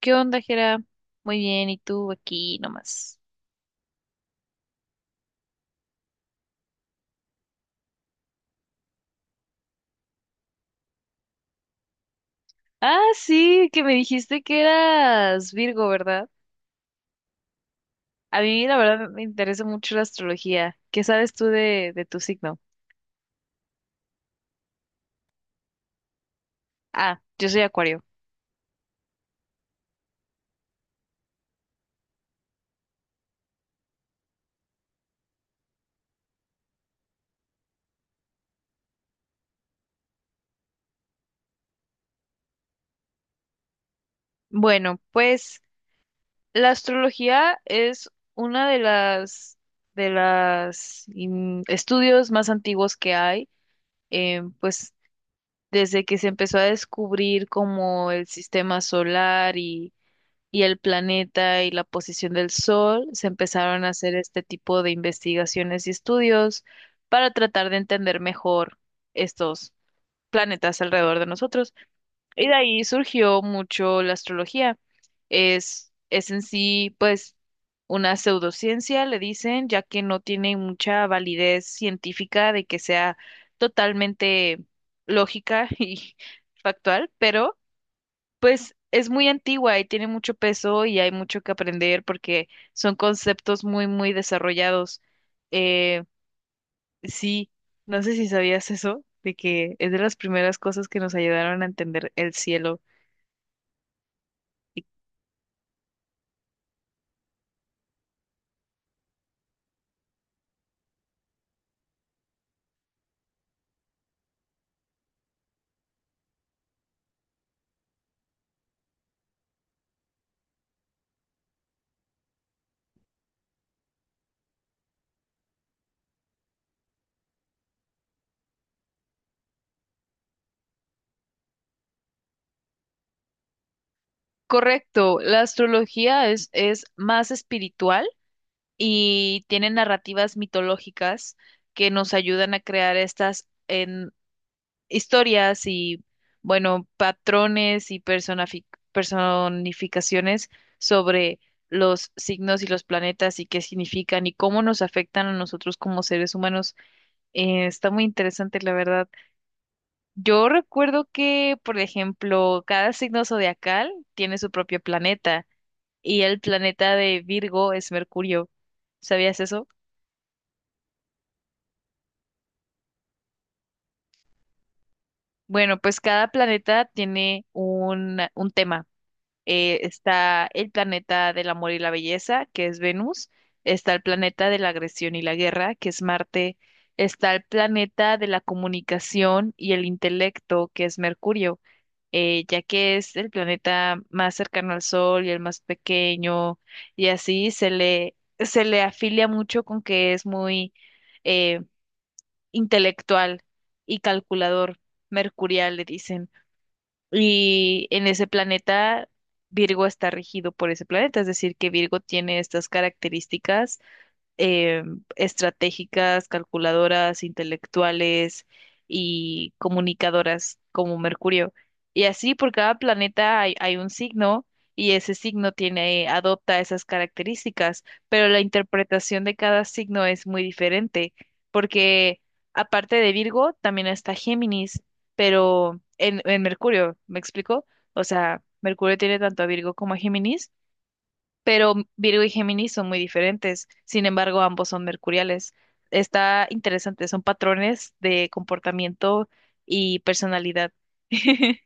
¿Qué onda, Jera? Muy bien, ¿y tú aquí nomás? Ah, sí, que me dijiste que eras Virgo, ¿verdad? A mí, la verdad, me interesa mucho la astrología. ¿Qué sabes tú de tu signo? Ah, yo soy Acuario. Bueno, pues la astrología es una de las estudios más antiguos que hay, pues desde que se empezó a descubrir como el sistema solar y el planeta y la posición del Sol, se empezaron a hacer este tipo de investigaciones y estudios para tratar de entender mejor estos planetas alrededor de nosotros. Y de ahí surgió mucho la astrología. Es en sí, pues, una pseudociencia, le dicen, ya que no tiene mucha validez científica de que sea totalmente lógica y factual, pero pues es muy antigua y tiene mucho peso y hay mucho que aprender porque son conceptos muy, muy desarrollados. Eh, sí, no sé si sabías eso, de que es de las primeras cosas que nos ayudaron a entender el cielo. Correcto, la astrología es más espiritual y tiene narrativas mitológicas que nos ayudan a crear estas historias y, bueno, patrones y personificaciones sobre los signos y los planetas y qué significan y cómo nos afectan a nosotros como seres humanos. Está muy interesante, la verdad. Yo recuerdo que, por ejemplo, cada signo zodiacal tiene su propio planeta y el planeta de Virgo es Mercurio. ¿Sabías eso? Bueno, pues cada planeta tiene un tema. Está el planeta del amor y la belleza, que es Venus, está el planeta de la agresión y la guerra, que es Marte, está el planeta de la comunicación y el intelecto, que es Mercurio, ya que es el planeta más cercano al Sol y el más pequeño, y así se le afilia mucho con que es muy eh, intelectual y calculador, mercurial, le dicen. Y en ese planeta, Virgo está regido por ese planeta, es decir, que Virgo tiene estas características eh, estratégicas, calculadoras, intelectuales y comunicadoras como Mercurio. Y así por cada planeta hay un signo y ese signo tiene, adopta esas características, pero la interpretación de cada signo es muy diferente porque aparte de Virgo también está Géminis, pero en Mercurio, ¿me explico? O sea, Mercurio tiene tanto a Virgo como a Géminis, pero Virgo y Géminis son muy diferentes. Sin embargo, ambos son mercuriales. Está interesante, son patrones de comportamiento y personalidad.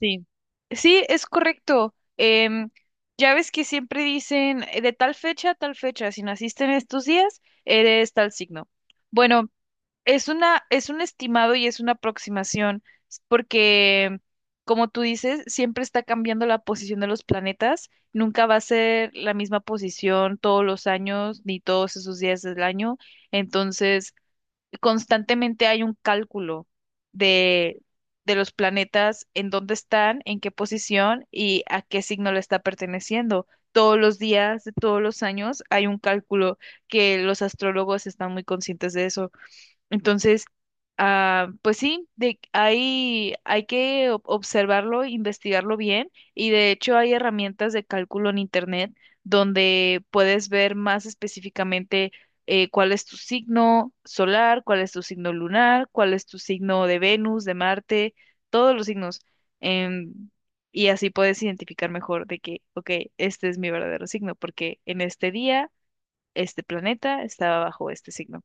Sí. Sí, es correcto. Ya ves que siempre dicen de tal fecha a tal fecha, si naciste en estos días, eres tal signo. Bueno, es una, es un estimado y es una aproximación, porque, como tú dices, siempre está cambiando la posición de los planetas. Nunca va a ser la misma posición todos los años ni todos esos días del año. Entonces, constantemente hay un cálculo de, de los planetas, en dónde están, en qué posición y a qué signo le está perteneciendo. Todos los días de todos los años hay un cálculo que los astrólogos están muy conscientes de eso. Entonces, pues sí, hay que observarlo, investigarlo bien y de hecho hay herramientas de cálculo en Internet donde puedes ver más específicamente cuál es tu signo solar, cuál es tu signo lunar, cuál es tu signo de Venus, de Marte, todos los signos. em, y así puedes identificar mejor de que, ok, este es mi verdadero signo porque en este día, este planeta estaba bajo este signo.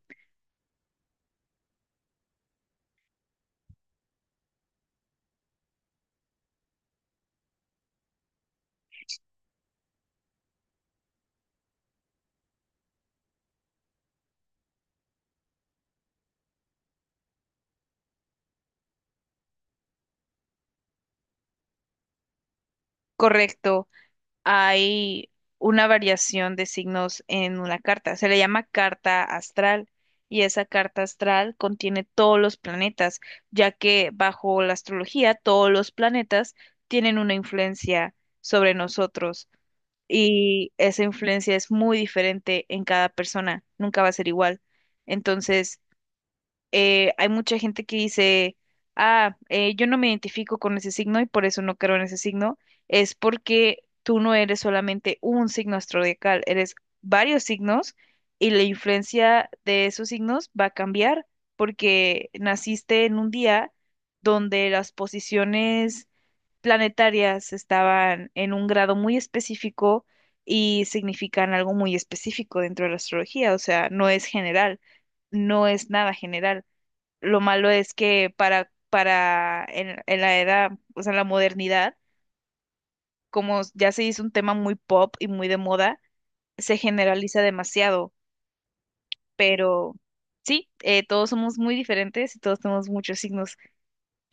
Correcto. Hay una variación de signos en una carta. Se le llama carta astral y esa carta astral contiene todos los planetas, ya que bajo la astrología todos los planetas tienen una influencia sobre nosotros y esa influencia es muy diferente en cada persona, nunca va a ser igual. Entonces, hay mucha gente que dice, ah, yo no me identifico con ese signo y por eso no creo en ese signo, es porque tú no eres solamente un signo astrodiacal, eres varios signos y la influencia de esos signos va a cambiar porque naciste en un día donde las posiciones planetarias estaban en un grado muy específico y significan algo muy específico dentro de la astrología, o sea, no es general, no es nada general. Lo malo es que para en la era, o sea, en la modernidad, como ya se hizo un tema muy pop y muy de moda, se generaliza demasiado, pero sí, todos somos muy diferentes y todos tenemos muchos signos.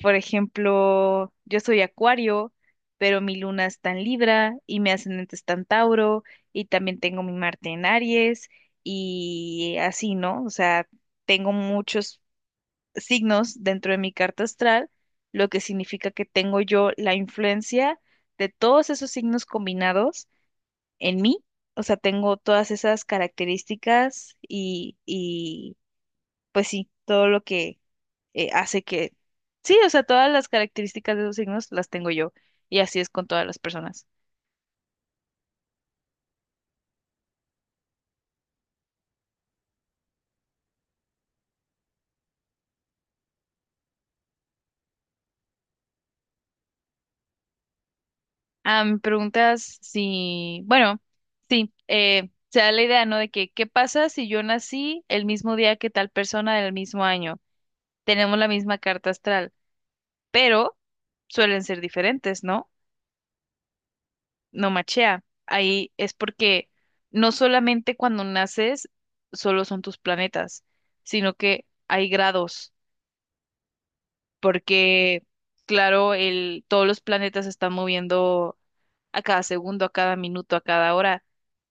Por ejemplo, yo soy Acuario, pero mi luna está en Libra y mi ascendente está en Tauro y también tengo mi Marte en Aries y así, ¿no? O sea, tengo muchos signos dentro de mi carta astral, lo que significa que tengo yo la influencia de todos esos signos combinados en mí. O sea, tengo todas esas características y pues sí, todo lo que hace que... Sí, o sea, todas las características de esos signos las tengo yo. Y así es con todas las personas. Ah, me preguntas si... Bueno, sí, se da la idea, ¿no? De que, ¿qué pasa si yo nací el mismo día que tal persona del mismo año? Tenemos la misma carta astral, pero suelen ser diferentes, ¿no? No machea. Ahí es porque no solamente cuando naces solo son tus planetas, sino que hay grados, porque claro, todos los planetas se están moviendo a cada segundo, a cada minuto, a cada hora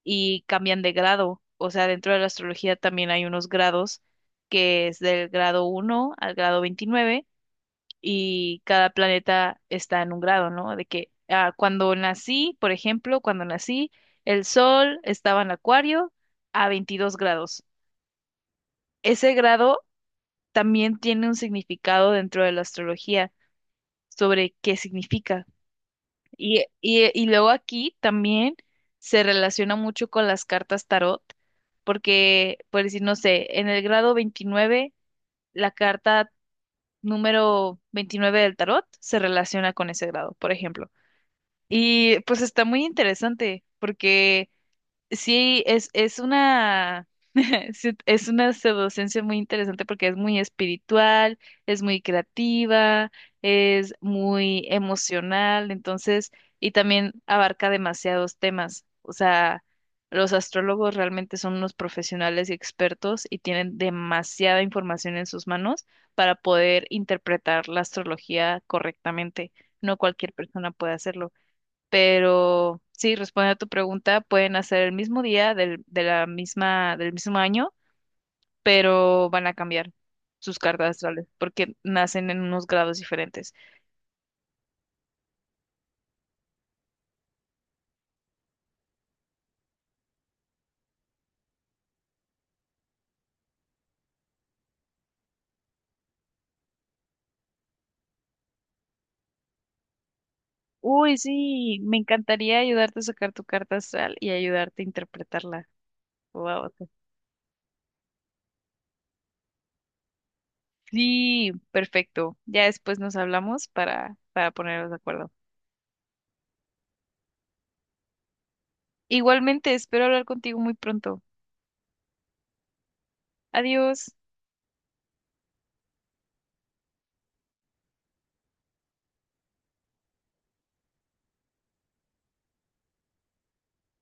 y cambian de grado. O sea, dentro de la astrología también hay unos grados que es del grado uno al grado 29 y cada planeta está en un grado, ¿no? De que ah, cuando nací, por ejemplo, cuando nací, el Sol estaba en Acuario a 22 grados. Ese grado también tiene un significado dentro de la astrología sobre qué significa. Y luego aquí también se relaciona mucho con las cartas tarot, porque, por decir, no sé, en el grado 29, la carta número 29 del tarot se relaciona con ese grado, por ejemplo. Y pues está muy interesante porque sí, es una, sí, es una pseudociencia muy interesante porque es muy espiritual, es muy creativa, es muy emocional, entonces, y también abarca demasiados temas. O sea, los astrólogos realmente son unos profesionales y expertos y tienen demasiada información en sus manos para poder interpretar la astrología correctamente. No cualquier persona puede hacerlo, pero sí, respondiendo a tu pregunta, pueden hacer el mismo día de la misma, del mismo año, pero van a cambiar sus cartas astrales porque nacen en unos grados diferentes. Uy, sí, me encantaría ayudarte a sacar tu carta astral y ayudarte a interpretarla. Wow. Sí, perfecto. Ya después nos hablamos para ponernos de acuerdo. Igualmente, espero hablar contigo muy pronto. Adiós.